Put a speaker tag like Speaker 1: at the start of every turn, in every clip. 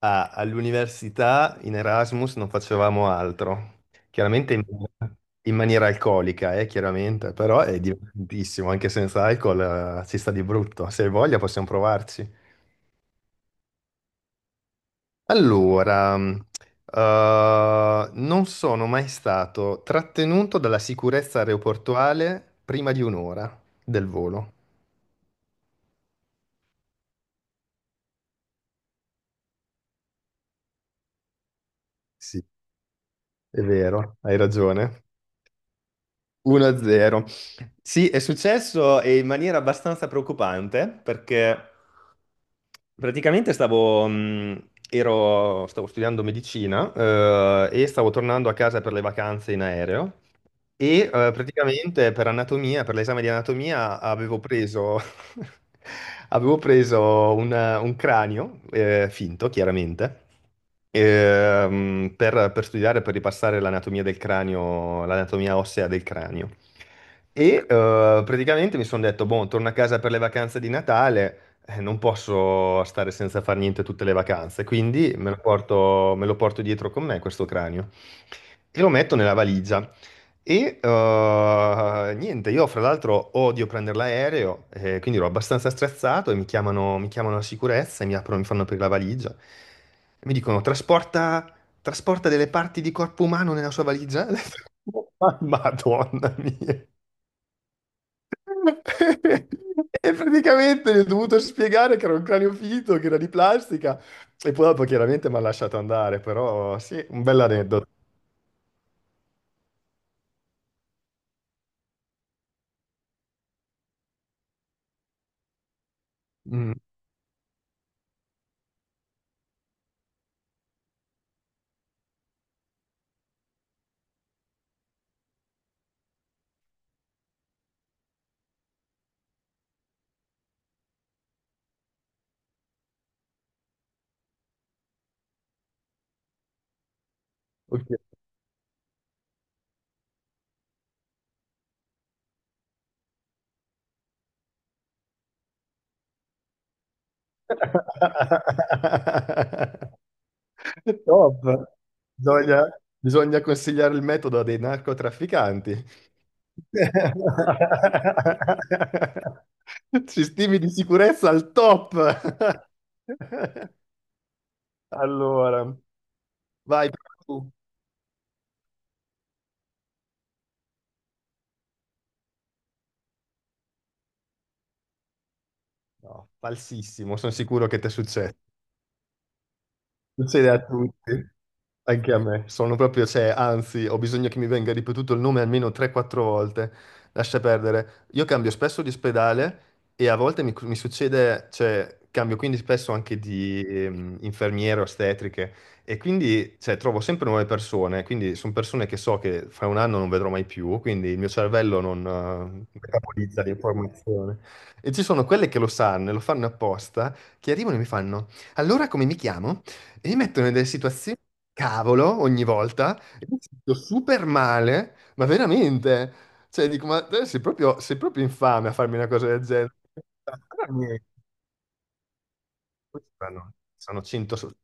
Speaker 1: Ah, all'università in Erasmus non facevamo altro, chiaramente in, in maniera alcolica, chiaramente, però è divertentissimo, anche senza alcol, si sta di brutto. Se hai voglia possiamo provarci. Allora, non sono mai stato trattenuto dalla sicurezza aeroportuale prima di 1 ora del volo. Sì, è vero, hai ragione. 1-0. Sì, è successo in maniera abbastanza preoccupante perché stavo studiando medicina, e stavo tornando a casa per le vacanze in aereo praticamente per anatomia, per l'esame di anatomia, avevo preso, avevo preso un cranio, finto chiaramente, per studiare, per ripassare l'anatomia del cranio, l'anatomia ossea del cranio. Praticamente mi sono detto, boh, torno a casa per le vacanze di Natale, non posso stare senza fare niente tutte le vacanze, quindi me lo porto dietro con me questo cranio e lo metto nella valigia. Niente, io fra l'altro odio prendere l'aereo, quindi ero abbastanza stressato e mi chiamano la sicurezza e mi fanno aprire la valigia. E mi dicono, trasporta delle parti di corpo umano nella sua valigia. Ho detto, Madonna mia." E praticamente gli ho dovuto spiegare che era un cranio finto, che era di plastica. E poi dopo chiaramente mi ha lasciato andare, però sì, un bell'aneddoto. Mm, ok. Top. Bisogna, bisogna consigliare il metodo a dei narcotrafficanti. Sistemi di sicurezza al top. Allora, vai tu. No, falsissimo, sono sicuro che ti è successo. Succede a tutti. Anche a me, sono proprio, cioè, anzi, ho bisogno che mi venga ripetuto il nome almeno 3-4 volte. Lascia perdere. Io cambio spesso di ospedale e a volte mi succede, cioè, cambio quindi spesso anche di infermiere, ostetriche e quindi, cioè, trovo sempre nuove persone. Quindi sono persone che so che fra 1 anno non vedrò mai più, quindi il mio cervello non metabolizza l'informazione. E ci sono quelle che lo sanno e lo fanno apposta, che arrivano e mi fanno: Allora come mi chiamo? E mi mettono in delle situazioni cavolo ogni volta. E mi sento super male, ma veramente. Cioè, dico, ma te sei proprio infame a farmi una cosa del genere. Allora, niente. Sono 100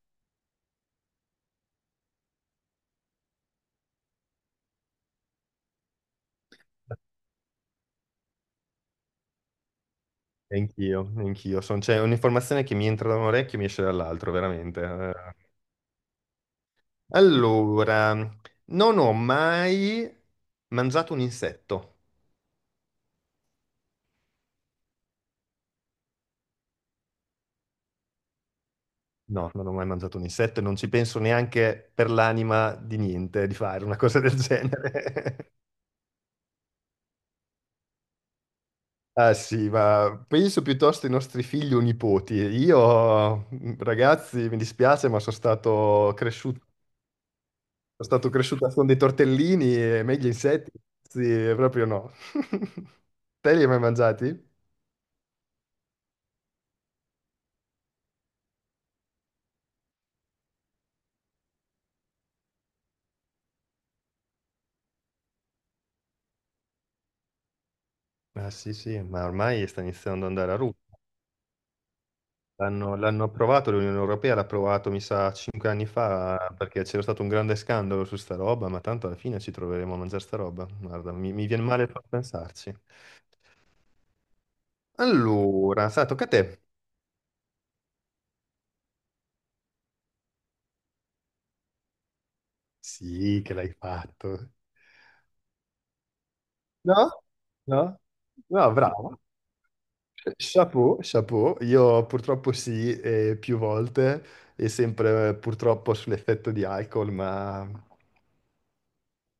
Speaker 1: e anch'io. C'è un'informazione che mi entra da un orecchio e mi esce dall'altro, veramente. Allora, non ho mai mangiato un insetto. No, non ho mai mangiato un insetto e non ci penso neanche per l'anima di niente di fare una cosa del genere. Ah sì, ma penso piuttosto ai nostri figli o nipoti. Io, ragazzi, mi dispiace, ma sono stato cresciuto con dei tortellini e meglio insetti, sì, proprio no. Te li hai mai mangiati? Ah sì, sì, ma ormai sta iniziando ad andare a ruba. L'hanno approvato, l'Unione Europea l'ha approvato, mi sa, 5 anni fa, perché c'era stato un grande scandalo su sta roba, ma tanto alla fine ci troveremo a mangiare sta roba. Guarda, mi viene male solo a pensarci. Allora, sa, tocca a te. Sì, che l'hai fatto. No? No? No, bravo. Chapeau, chapeau. Io purtroppo sì, più volte, e sempre purtroppo sull'effetto di alcol, ma...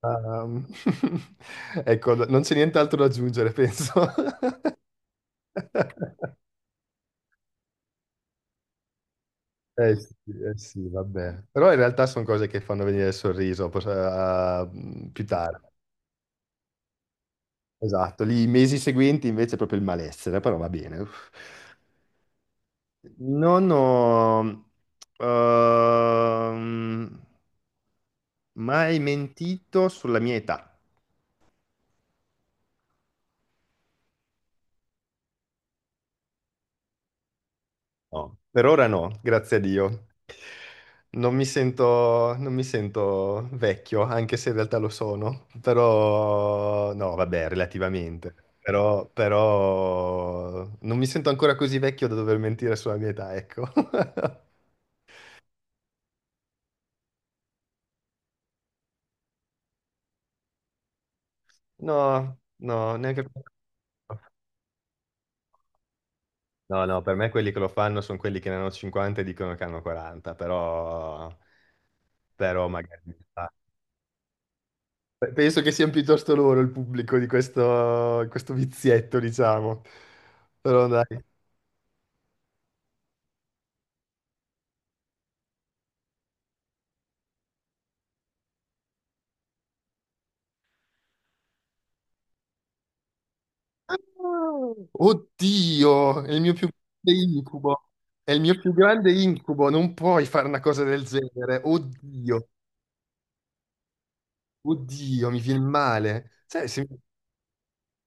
Speaker 1: ehm, ecco, no, non c'è nient'altro da aggiungere, penso. Eh sì, eh sì, vabbè. Però in realtà sono cose che fanno venire il sorriso, più tardi. Esatto, lì i mesi seguenti invece è proprio il malessere, però va bene. Uff. Non ho ehm, mai mentito sulla mia età. No. Per ora no, grazie a Dio. Non mi sento vecchio, anche se in realtà lo sono, però no, vabbè, relativamente. Però non mi sento ancora così vecchio da dover mentire sulla mia età, ecco. No, no, neanche. No, no, per me quelli che lo fanno sono quelli che ne hanno 50 e dicono che hanno 40, però, però magari... ah, penso che siano piuttosto loro il pubblico di questo vizietto, diciamo. Però dai. Oddio, è il mio più grande incubo. È il mio più grande incubo, non puoi fare una cosa del genere. Oddio, oddio, mi viene male. Sai, se-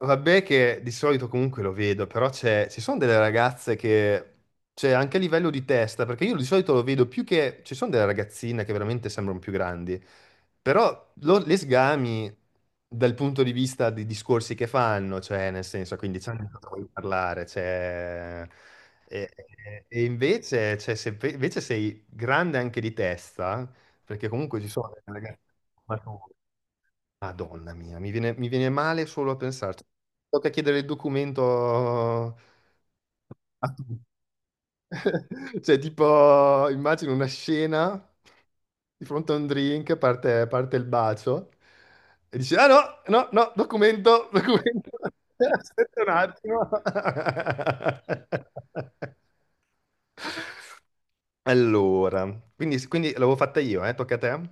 Speaker 1: Vabbè che di solito comunque lo vedo, però c'è, ci sono delle ragazze che, cioè anche a livello di testa, perché io di solito lo vedo più che, ci sono delle ragazzine che veramente sembrano più grandi, però le sgami dal punto di vista dei discorsi che fanno, cioè nel senso, quindi c'è anche cosa vuoi parlare, cioè, e invece, cioè, se invece sei grande anche di testa, perché comunque ci sono delle ragazze... mature, Madonna mia, mi viene male solo a pensarci. Tocca chiedere il documento a tutti. Cioè, tipo, immagino una scena di fronte a un drink, parte il bacio e dici, ah no, no, no, documento, documento. Aspetta un attimo. Allora, quindi l'avevo fatta io, eh? Tocca a te?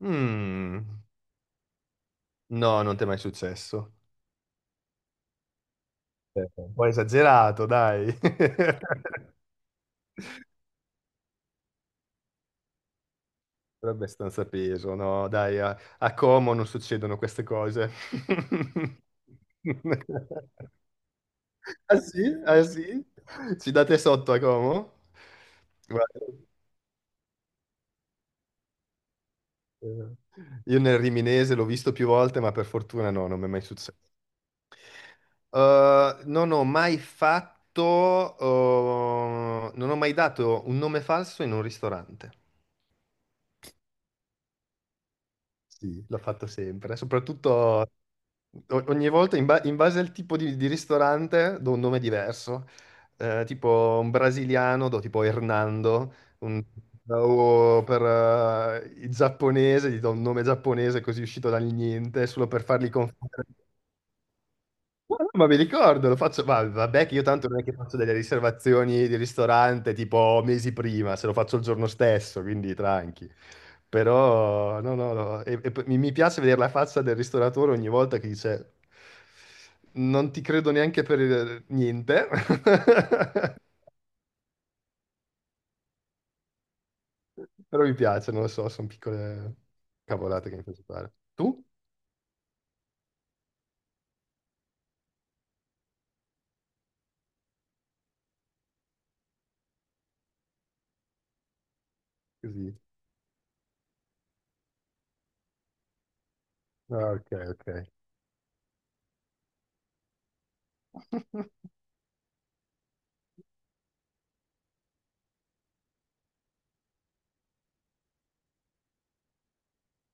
Speaker 1: Mm, no, non ti è mai successo. Un po' esagerato, dai. Però è abbastanza peso, no? Dai, a Como non succedono queste cose. Ah sì? Ah sì? Ci date sotto a Como? Guarda, eh, io nel Riminese l'ho visto più volte, ma per fortuna no, non mi è mai successo. Non ho mai fatto, non ho mai dato un nome falso in un ristorante. Sì, l'ho fatto sempre, soprattutto ogni volta in base al tipo di ristorante do un nome diverso. Tipo un brasiliano do tipo Hernando, un- o per il giapponese gli do un nome giapponese così uscito dal niente, solo per farli confondere. No, no, ma mi ricordo, lo faccio, ma vabbè che io tanto non è che faccio delle riservazioni di ristorante tipo mesi prima, se lo faccio il giorno stesso, quindi tranqui. Però, no, no, no, e poi mi piace vedere la faccia del ristoratore ogni volta che dice, non ti credo neanche per il- niente, però mi piace, non lo so, sono piccole cavolate che mi piace fare. Tu? Così. Ah, ok, ok.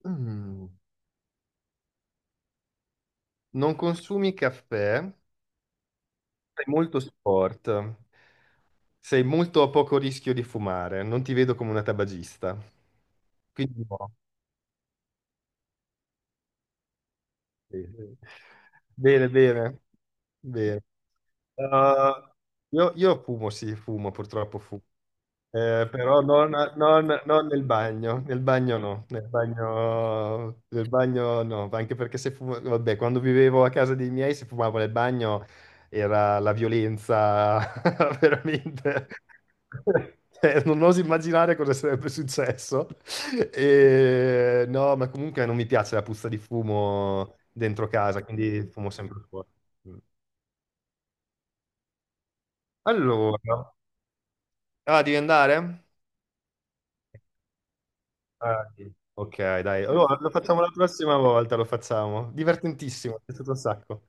Speaker 1: Mm. Non consumi caffè? Sei molto sport, sei molto a poco rischio di fumare, non ti vedo come una tabagista. Quindi no. Sì, sì. Bene, bene, bene. Uh, io fumo, sì, fumo, purtroppo fumo. Però non nel bagno, nel bagno no, nel bagno no, anche perché se fuma- vabbè, quando vivevo a casa dei miei se fumavo nel bagno era la violenza veramente. Non oso immaginare cosa sarebbe successo. E, no, ma comunque non mi piace la puzza di fumo dentro casa, quindi fumo sempre fuori. Mm. Allora, ah, devi andare? Ah, sì. Ok, dai. Allora, lo facciamo la prossima volta, lo facciamo. Divertentissimo, è stato un sacco.